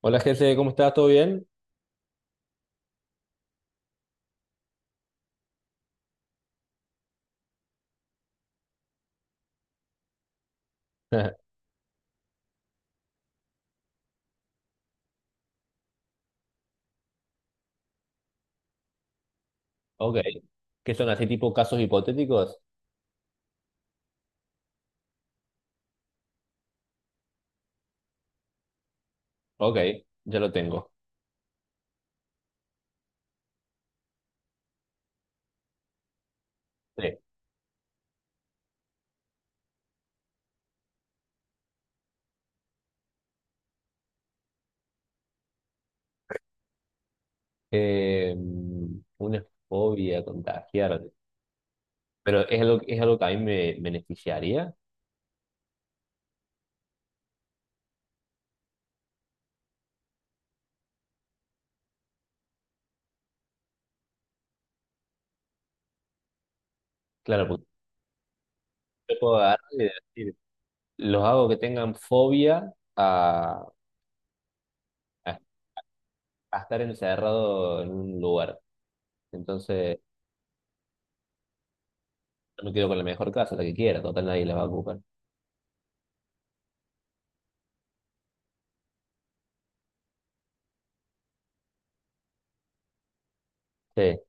Hola, Jesse, ¿cómo estás? ¿Todo bien? Ok. ¿Qué son así tipo casos hipotéticos? Ok, ya lo tengo. Sí. Eh, una fobia contagiar. Pero es algo que a mí me beneficiaría. Claro, porque yo puedo agarrar y decir, los hago que tengan fobia a- a estar encerrado en un lugar. Entonces, yo me quedo con la mejor casa, la que quiera, total nadie la va a ocupar. Sí.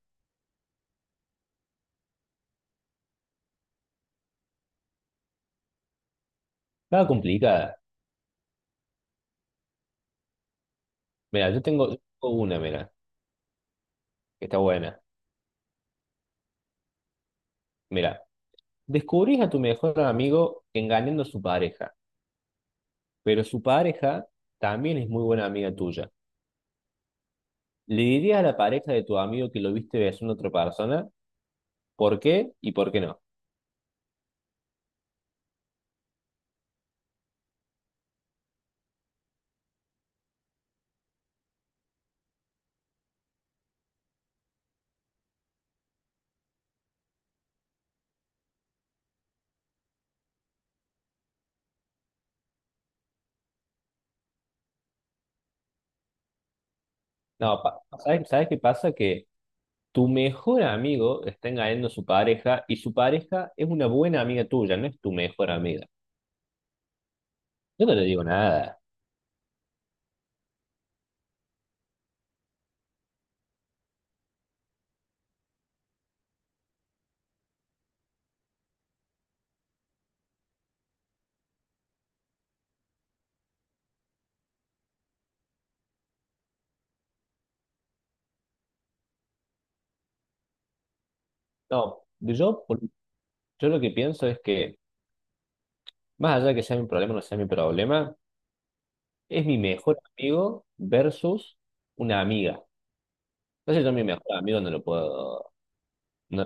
Estaba complicada. Mira, yo tengo una, mira, que está buena. Mira. Descubrís a tu mejor amigo engañando a su pareja, pero su pareja también es muy buena amiga tuya. ¿Le dirías a la pareja de tu amigo que lo viste besando a otra persona? ¿Por qué y por qué no? No, ¿sabes qué pasa? Que tu mejor amigo está engañando a su pareja y su pareja es una buena amiga tuya, no es tu mejor amiga. Yo no le digo nada. No, yo lo que pienso es que, más allá de que sea mi problema o no sea mi problema, es mi mejor amigo versus una amiga. Entonces yo a mi mejor amigo no lo puedo. No,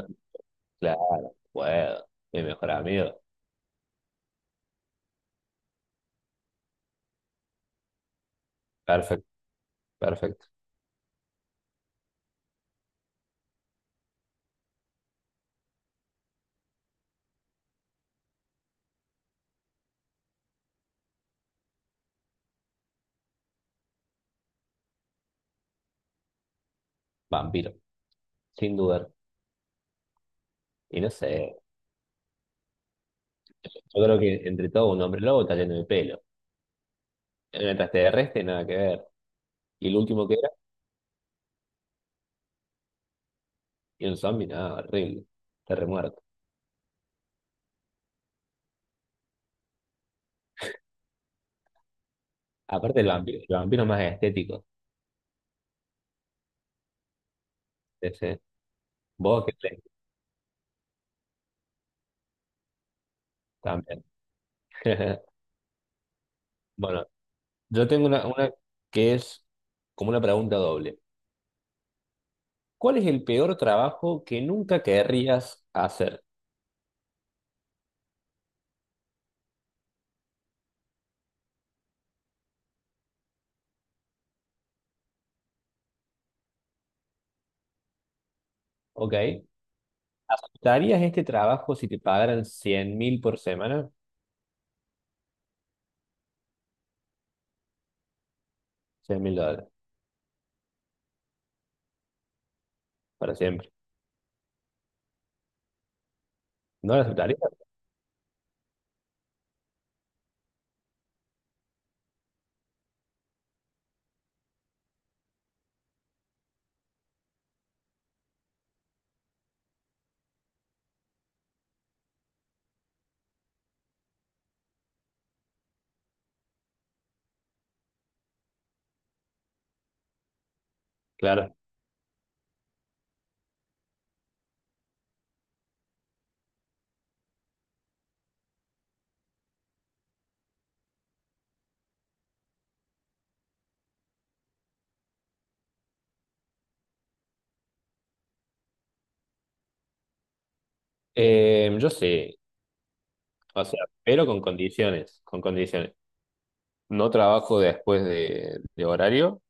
claro, puedo. Mi mejor amigo. Perfecto, perfecto. Vampiro, sin dudar. Y no sé, yo creo que entre todo un hombre lobo está lleno de pelo. En el extraterrestre nada que ver. Y el último que era, y un zombie, nada, horrible. Está remuerto. Aparte el vampiro más estético. Ese. Vos que te- también. Bueno, yo tengo una que es como una pregunta doble. ¿Cuál es el peor trabajo que nunca querrías hacer? ¿Ok? ¿Aceptarías este trabajo si te pagaran 100.000 por semana? $100.000, para siempre. ¿No lo aceptarías? Claro. Yo sí, o sea, pero con condiciones, con condiciones. No trabajo después de horario,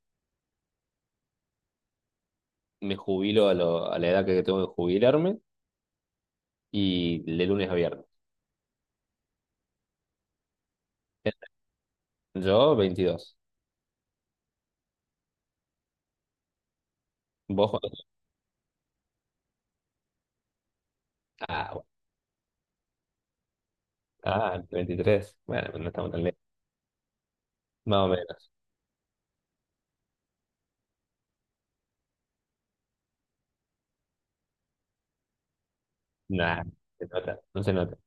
me jubilo a la edad que tengo que jubilarme y de lunes a viernes. Yo 22. ¿Vos cuántos? Ah, bueno. Ah, 23. Bueno, no estamos tan lejos. Más o menos. Nah, no se nota, no se nota.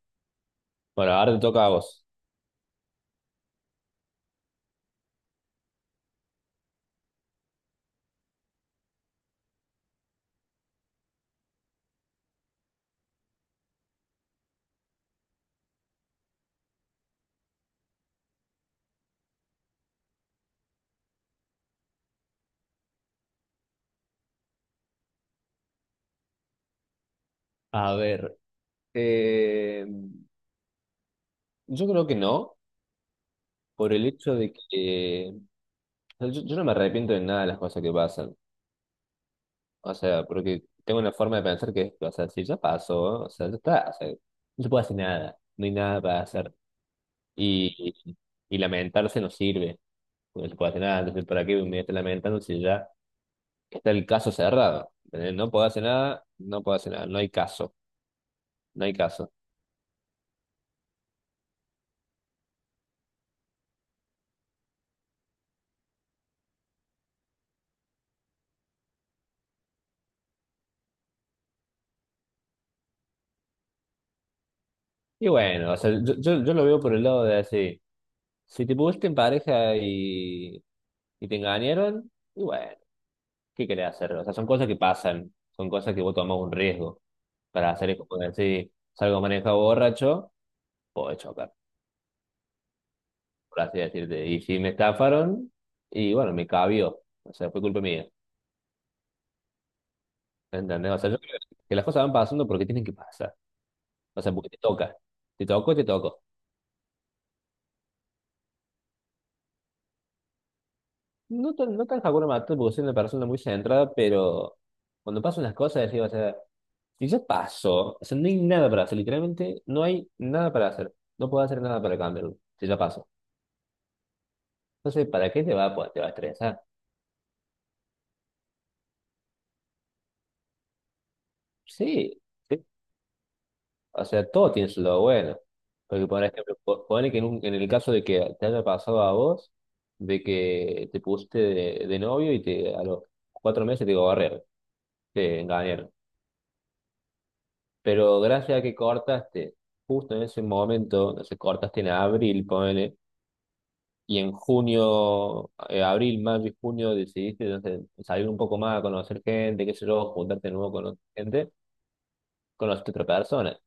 Bueno, ahora te toca a vos. A ver, yo creo que no, por el hecho de que o sea, yo no me arrepiento de nada de las cosas que pasan. O sea, porque tengo una forma de pensar que, es, o sea, si ya pasó, o sea, ya está, o sea, no se puede hacer nada, no hay nada para hacer. Y, y lamentarse no sirve, porque no se puede hacer nada, entonces, ¿para qué me estoy lamentando si ya está el caso cerrado? ¿Entendés? No puedo hacer nada, no puedo hacer nada, no hay caso, no hay caso. Y bueno, o sea, yo lo veo por el lado de así. Si te pusiste en pareja y te engañaron, y bueno, ¿qué querés hacer? O sea, son cosas que pasan, son cosas que vos tomás un riesgo para hacer, es como decir, salgo manejado borracho, puedo chocar, por así decirte. Y si me estafaron, y bueno, me cabió, o sea, fue culpa mía, ¿entendés? O sea, yo creo que las cosas van pasando porque tienen que pasar, o sea, porque te toca, te tocó, te tocó. No tan Hakuna Matata porque soy una persona muy centrada, pero cuando pasan las cosas, decís, o sea, y ya pasó. O sea, no hay nada para hacer. Literalmente no hay nada para hacer. No puedo hacer nada para cambiarlo. Si ya pasó. Entonces, ¿para qué te va a estresar? Sí, sí. O sea, todo tiene su lado bueno. Porque, por ejemplo, ponele que en el caso de que te haya pasado a vos, de que te pusiste de novio y a los 4 meses te engañaron. Pero gracias a que cortaste justo en ese momento, no sé, cortaste en abril, ponele y en junio, abril, mayo y junio decidiste no sé, salir un poco más a conocer gente, qué sé yo, juntarte de nuevo con otra gente, conociste otra persona.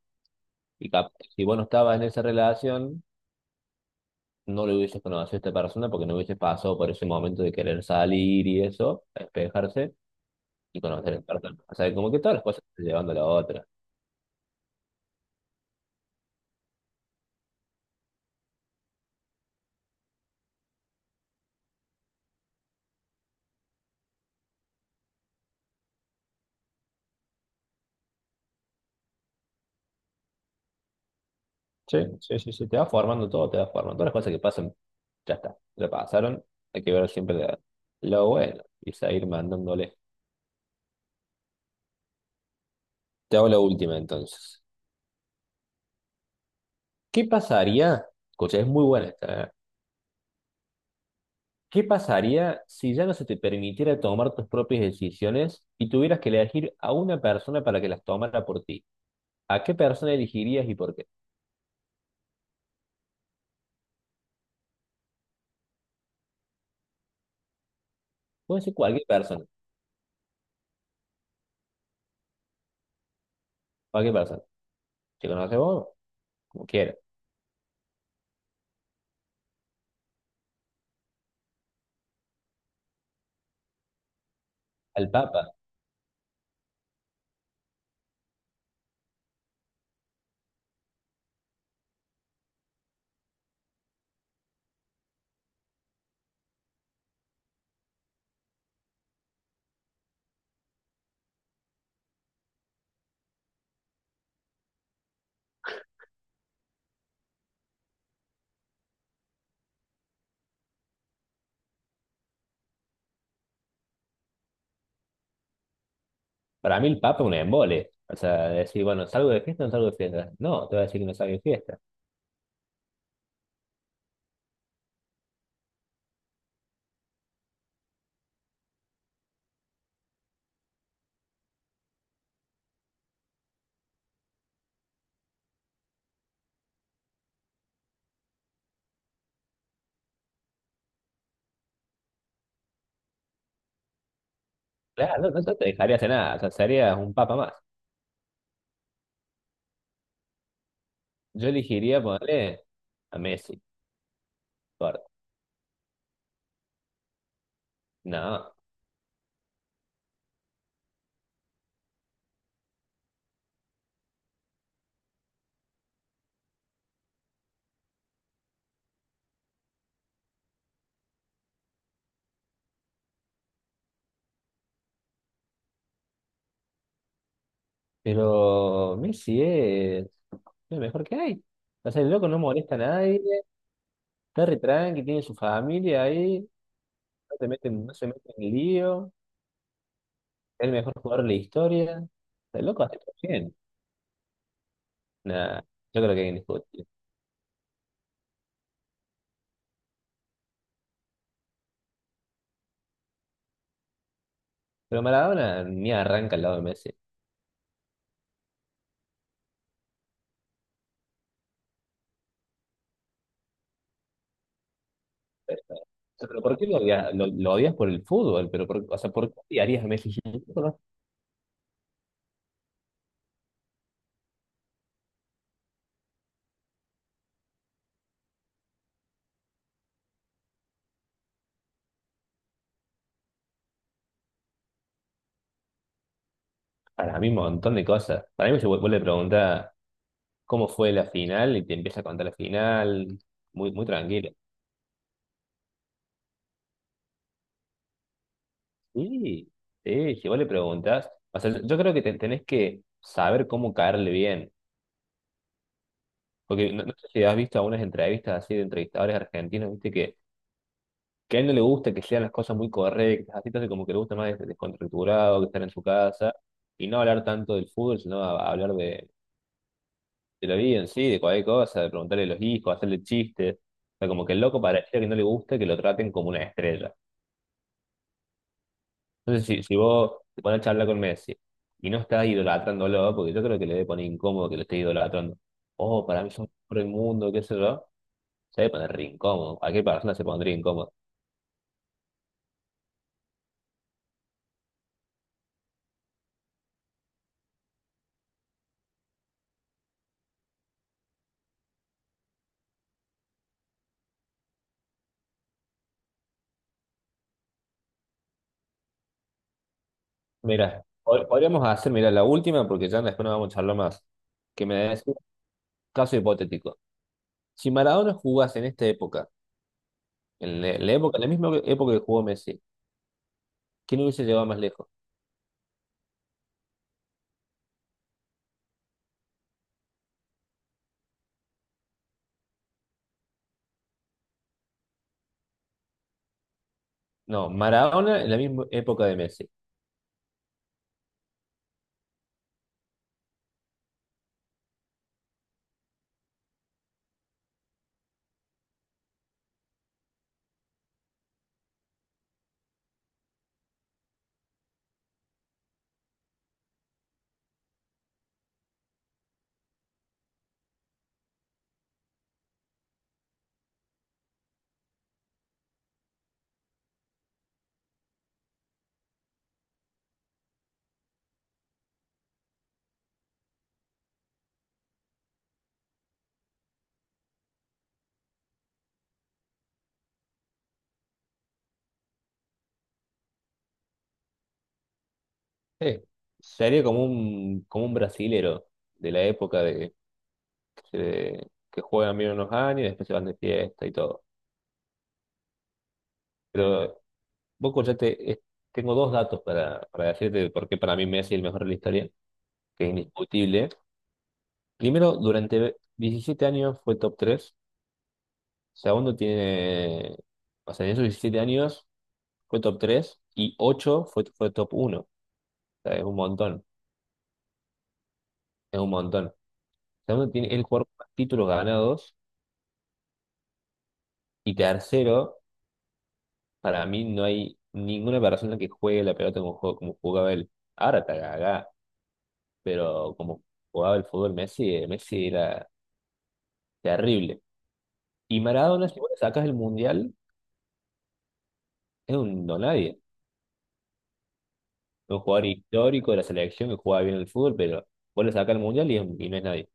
Y capaz, si vos no estabas en esa relación, no le hubieses conocido a esta persona porque no hubieses pasado por ese momento de querer salir y eso, despejarse y conocer a esta persona. O sea, como que todas las cosas te van llevando a la otra. Sí, sí, sí, sí, te va formando todo, te va formando. Todas las cosas que pasan, ya está, ya pasaron. Hay que ver siempre lo bueno y seguir mandándole. Te hago la última entonces. ¿Qué pasaría? Escucha, es muy buena esta. ¿Eh? ¿Qué pasaría si ya no se te permitiera tomar tus propias decisiones y tuvieras que elegir a una persona para que las tomara por ti? ¿A qué persona elegirías y por qué? Puede ser cualquier persona, cualquier persona. Si conoces vos, como quieras. Al Papa. Para mí el Papa es un embole. O sea, decir, bueno, ¿salgo de fiesta o no salgo de fiesta? No, te voy a decir que no salgo de fiesta. Claro, no, no no te dejaría hacer nada. O sea, serías un Papa más. Yo elegiría ponerle a Messi. por- No, pero Messi es lo mejor que hay. O sea, el loco no molesta a nadie, está re tranqui, tiene su familia ahí, no te meten, no se meten en lío, es el mejor jugador de la historia. O sea, el loco hace todo bien. Nah, yo creo que es indiscutible. Pero Maradona ni arranca al lado de Messi. Pero, pero ¿por qué lo odias? Lo odias por el fútbol, pero por, o sea, ¿por qué odiarías a Messi? Para mí un montón de cosas. Para mí se vuelve a preguntar cómo fue la final y te empieza a contar la final, muy, muy tranquilo. Sí, sí, si vos le preguntás, o sea, yo creo que tenés que saber cómo caerle bien, porque no sé si has visto algunas entrevistas así de entrevistadores argentinos, viste que a él no le gusta que sean las cosas muy correctas, así entonces como que le gusta más descontracturado, que estar en su casa, y no hablar tanto del fútbol, sino a hablar de la vida en sí, de cualquier cosa, de preguntarle a los hijos, hacerle chistes, o sea, como que el loco parecía que no le gusta que lo traten como una estrella. Entonces, si vos te pones a charlar con Messi y no estás idolatrándolo, porque yo creo que le debe poner incómodo que lo estés idolatrando. Oh, para mí es por el mundo, qué sé yo. Se debe poner re incómodo. Cualquier persona se pondría incómodo. Mira, podríamos hacer, mira, la última, porque ya después no vamos a charlar más. Que me des un caso hipotético. Si Maradona jugase en esta época, en la misma época que jugó Messi, ¿quién hubiese llegado más lejos? No, Maradona en la misma época de Messi. Sí. Sería como un, brasilero de la época que juegan bien unos años y después se van de fiesta y todo. Pero Boca ya te, es- tengo dos datos para decirte de por qué para mí Messi es el mejor de la historia, que es indiscutible. Primero, durante 17 años fue top tres. Segundo, tiene, o sea, en esos 17 años fue top 3 y 8 fue top uno. O sea, es un montón, es un montón. Segundo, tiene el jugador con más títulos ganados y tercero. Para mí no hay ninguna persona que juegue la pelota como jugaba él. Ahora está gaga, pero como jugaba el fútbol Messi, Messi era terrible. Y Maradona, si vos le sacas el Mundial, es un no nadie. Un jugador histórico de la selección que jugaba bien el fútbol, pero vos le sacas el Mundial y no es nadie.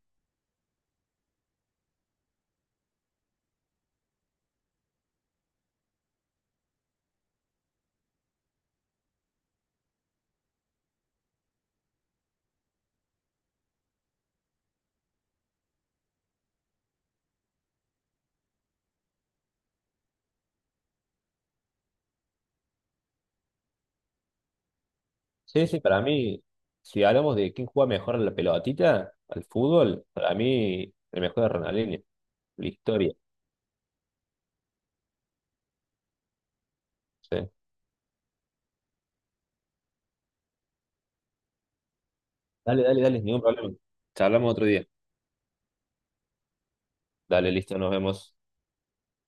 Sí, sí, para mí, si hablamos de quién juega mejor a la pelotita, al fútbol, para mí el mejor es Ronaldinho, la historia. Sí. Dale, dale, dale, ningún problema. Charlamos otro día. Dale, listo, nos vemos.